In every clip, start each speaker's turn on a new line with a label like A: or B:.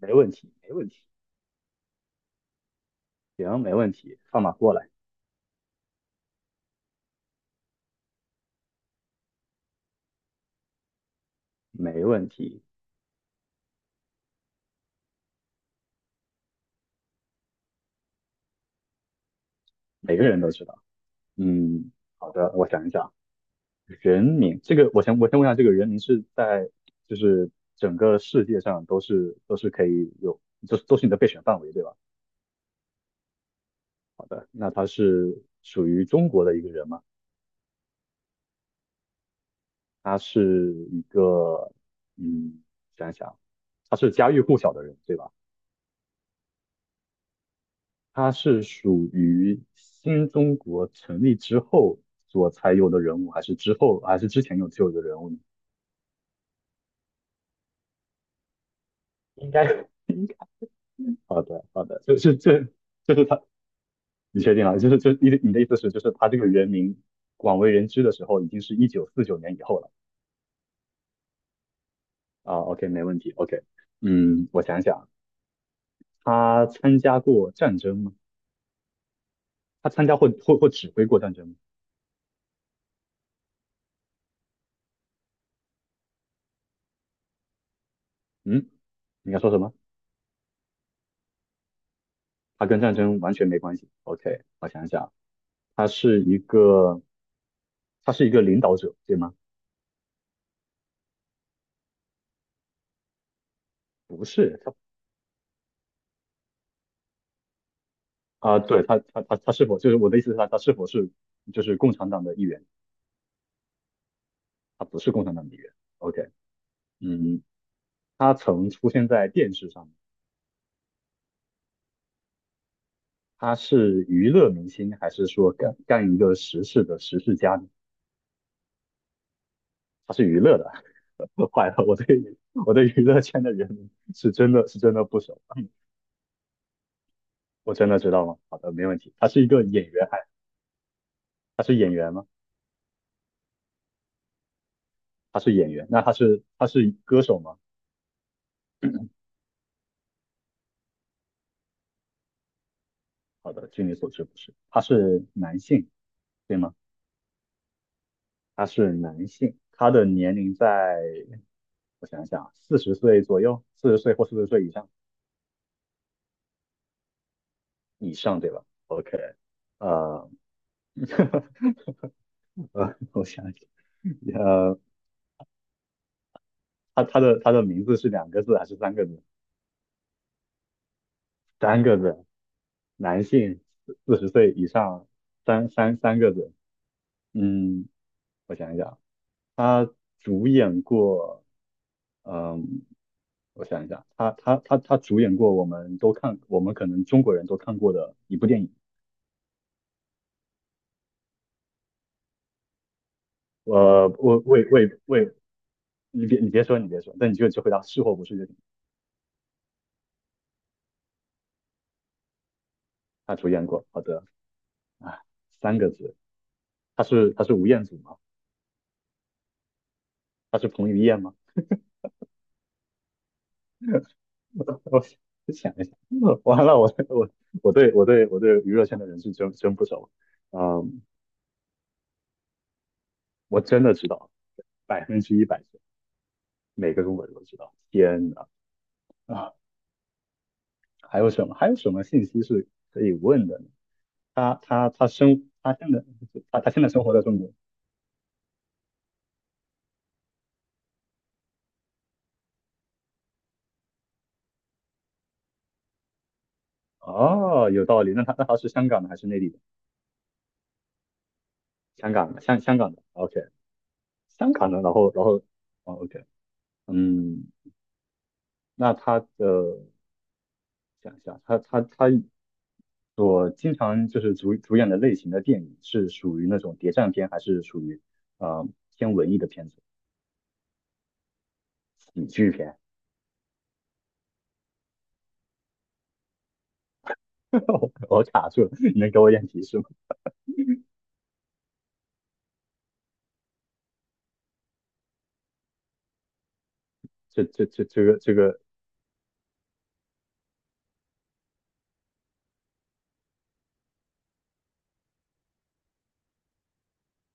A: 没问题，没问题，行，没问题，放马过来，没问题，每个人都知道。嗯，好的，我想一想，人名这个，我先问一下，这个人名是在就是整个世界上都是可以有，都是你的备选范围，对吧？好的，那他是属于中国的一个人吗？他是一个，嗯，想一想，他是家喻户晓的人，对吧？他是属于新中国成立之后所才有的人物，还是之后，还是之前有就有的人物呢？应该好的，好的，就是这，就是他，你确定了？就是就你的你的意思是，就是他这个人名广为人知的时候，已经是1949年以后了啊？OK，没问题。OK，嗯，我想想，他参加过战争吗？他参加或指挥过战争吗？嗯，你要说什么？他跟战争完全没关系。OK，我想想，他是一个。他是一个领导者，对吗？不是，他啊，对他是否就是我的意思是他是否是就是共产党的一员？他不是共产党的一员。OK，嗯，他曾出现在电视上，他是娱乐明星还是说干一个实事的实事家呢？他是娱乐的。坏了，我对娱乐圈的人是真的不熟，我真的知道吗？好的，没问题。他是一个演员，还他是演员吗？他是演员，那他是歌手吗？好的，据你所知不是，他是男性，对吗？他是男性，他的年龄在，我想想，四十岁左右，四十岁或四十岁以上，以上对吧？OK，呃，我想想，呃，他他的名字是2个字还是三个字？三个字，男性，四十岁以上，三个字。嗯，我想一想，他主演过，嗯、我想一下，他主演过我们都看，我们可能中国人都看过的一部电影。我我我我，你别说，那你就只回答是或不是就行。他主演过，好的，啊，三个字，他是吴彦祖吗？他是彭于晏吗？我想一想，完了，我对我对娱乐圈的人是真不熟，嗯，我真的知道100%，每个中国人都知道。天呐，啊，还有什么信息是可以问的呢？他他他生他现在他现在生活在中国。哦，有道理。那他是香港的还是内地的？香港的，香港的。OK，香港的。然后哦，OK，嗯，那他的想一下，他所经常就是主演的类型的电影是属于那种谍战片，还是属于呃偏文艺的片子？喜剧片？我卡住了，你能给我一点提示吗？这个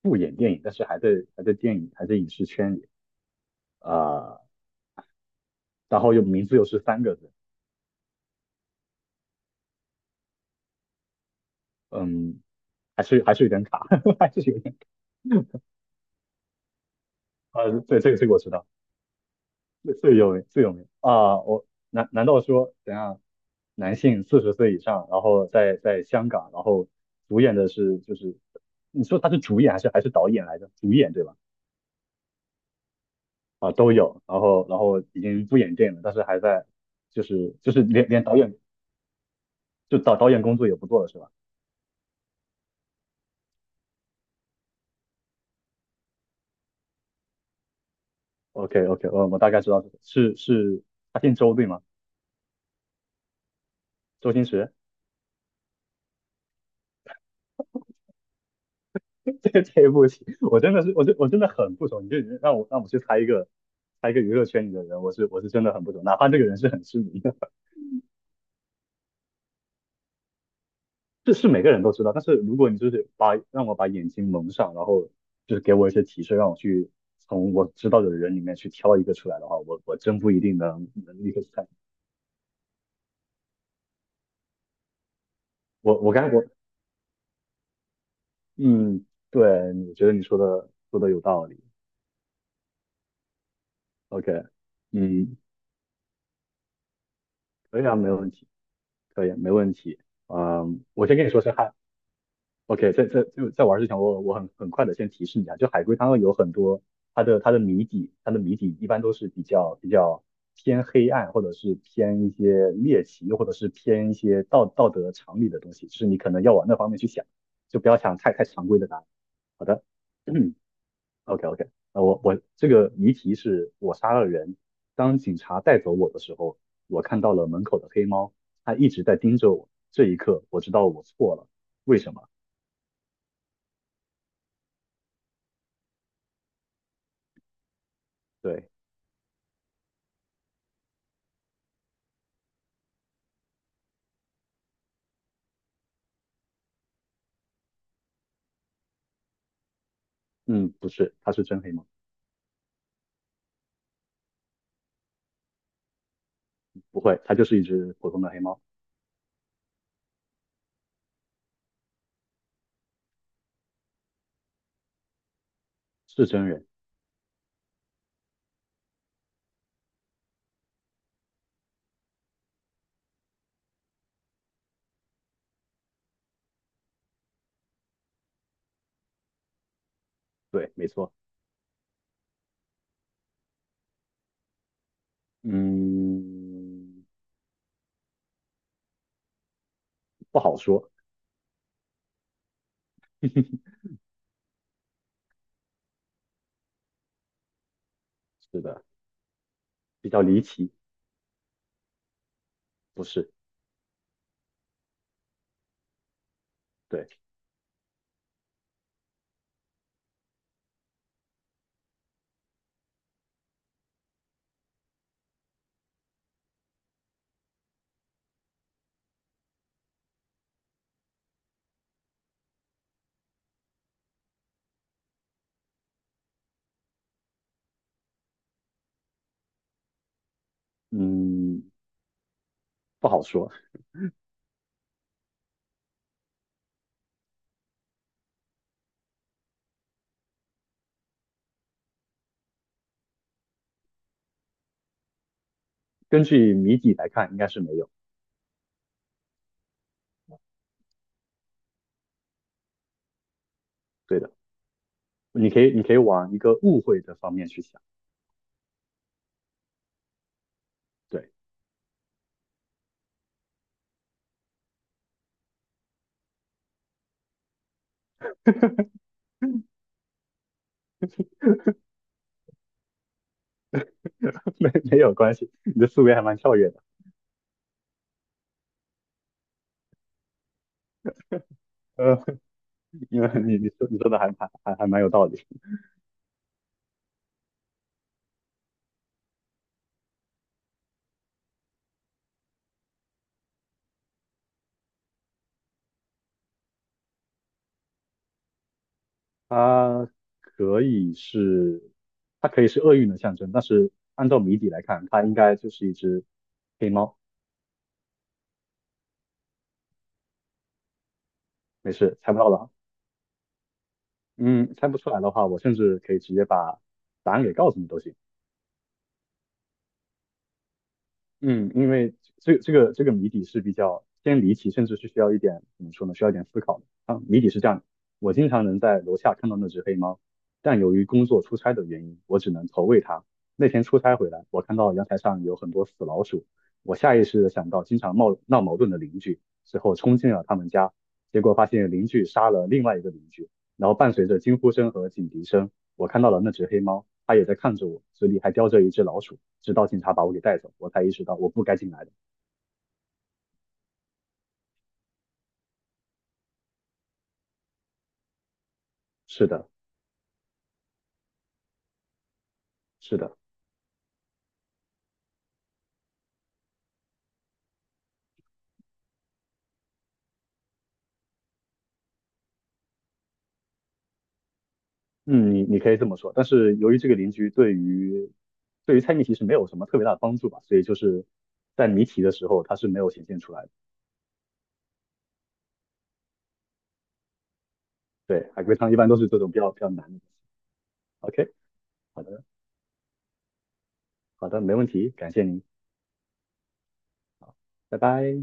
A: 不演电影，但是还在影视圈里啊。然后又名字又是三个字，嗯，还是有点卡，还是有点卡对，这个我知道，最有名啊，我难道说等下男性四十岁以上，然后在香港，然后主演的是就是你说他是主演还是导演来着？主演对吧？啊，都有，然后已经不演电影了，但是还在就是连导演就导演工作也不做了是吧？OK OK，我大概知道是是是他姓周对吗？周星驰。这不行，我真的是，我真的很不熟。你就让我去猜一个，猜一个娱乐圈里的人，我是真的很不熟。哪怕这个人是很知名的，这是每个人都知道。但是如果你就是让我把眼睛蒙上，然后就是给我一些提示，让我去从我知道的人里面去挑一个出来的话，我真不一定能立刻猜。我我刚才我嗯，对，我觉得你说的有道理。OK，嗯，可以啊，没问题，可以，没问题。嗯，我先跟你说声嗨。OK，在玩之前，我很快的先提示你啊，就海龟汤有很多它的谜底，它的谜底一般都是比较偏黑暗，或者是偏一些猎奇，或者是偏一些道德常理的东西，就是你可能要往那方面去想，就不要想太常规的答案。好的 ，OK OK，那我这个谜题是我杀了人，当警察带走我的时候，我看到了门口的黑猫，它一直在盯着我，这一刻我知道我错了，为什么？对。嗯，不是，它是真黑猫，不会，它就是一只普通的黑猫，是真人，对，没错，嗯，不好说，是的，比较离奇，不是，对，嗯，不好说，根据谜底来看，应该是没有，对的，你可以往一个误会的方面去想，对，没有关系，你的思维还蛮跳跃的，呃，因为你说的还蛮有道理。它可以是，它可以是厄运的象征，但是按照谜底来看，它应该就是一只黑猫。没事，猜不出来的话，我甚至可以直接把答案给告诉你都行。嗯，因为这个谜底是比较偏离奇，甚至是需要一点怎么说呢？需要一点思考的啊。谜底是这样的：我经常能在楼下看到那只黑猫，但由于工作出差的原因，我只能投喂它。那天出差回来，我看到阳台上有很多死老鼠，我下意识的想到经常闹闹矛盾的邻居，之后冲进了他们家，结果发现邻居杀了另外一个邻居，然后伴随着惊呼声和警笛声。我看到了那只黑猫，它也在看着我，嘴里还叼着一只老鼠。直到警察把我给带走，我才意识到我不该进来的。是的，是的，嗯，你可以这么说。但是由于这个邻居对于猜谜题是没有什么特别大的帮助吧，所以就是在谜题的时候它是没有显现出来的。对，海龟汤一般都是这种比较难的。OK，好的，好的，没问题，感谢您，拜拜。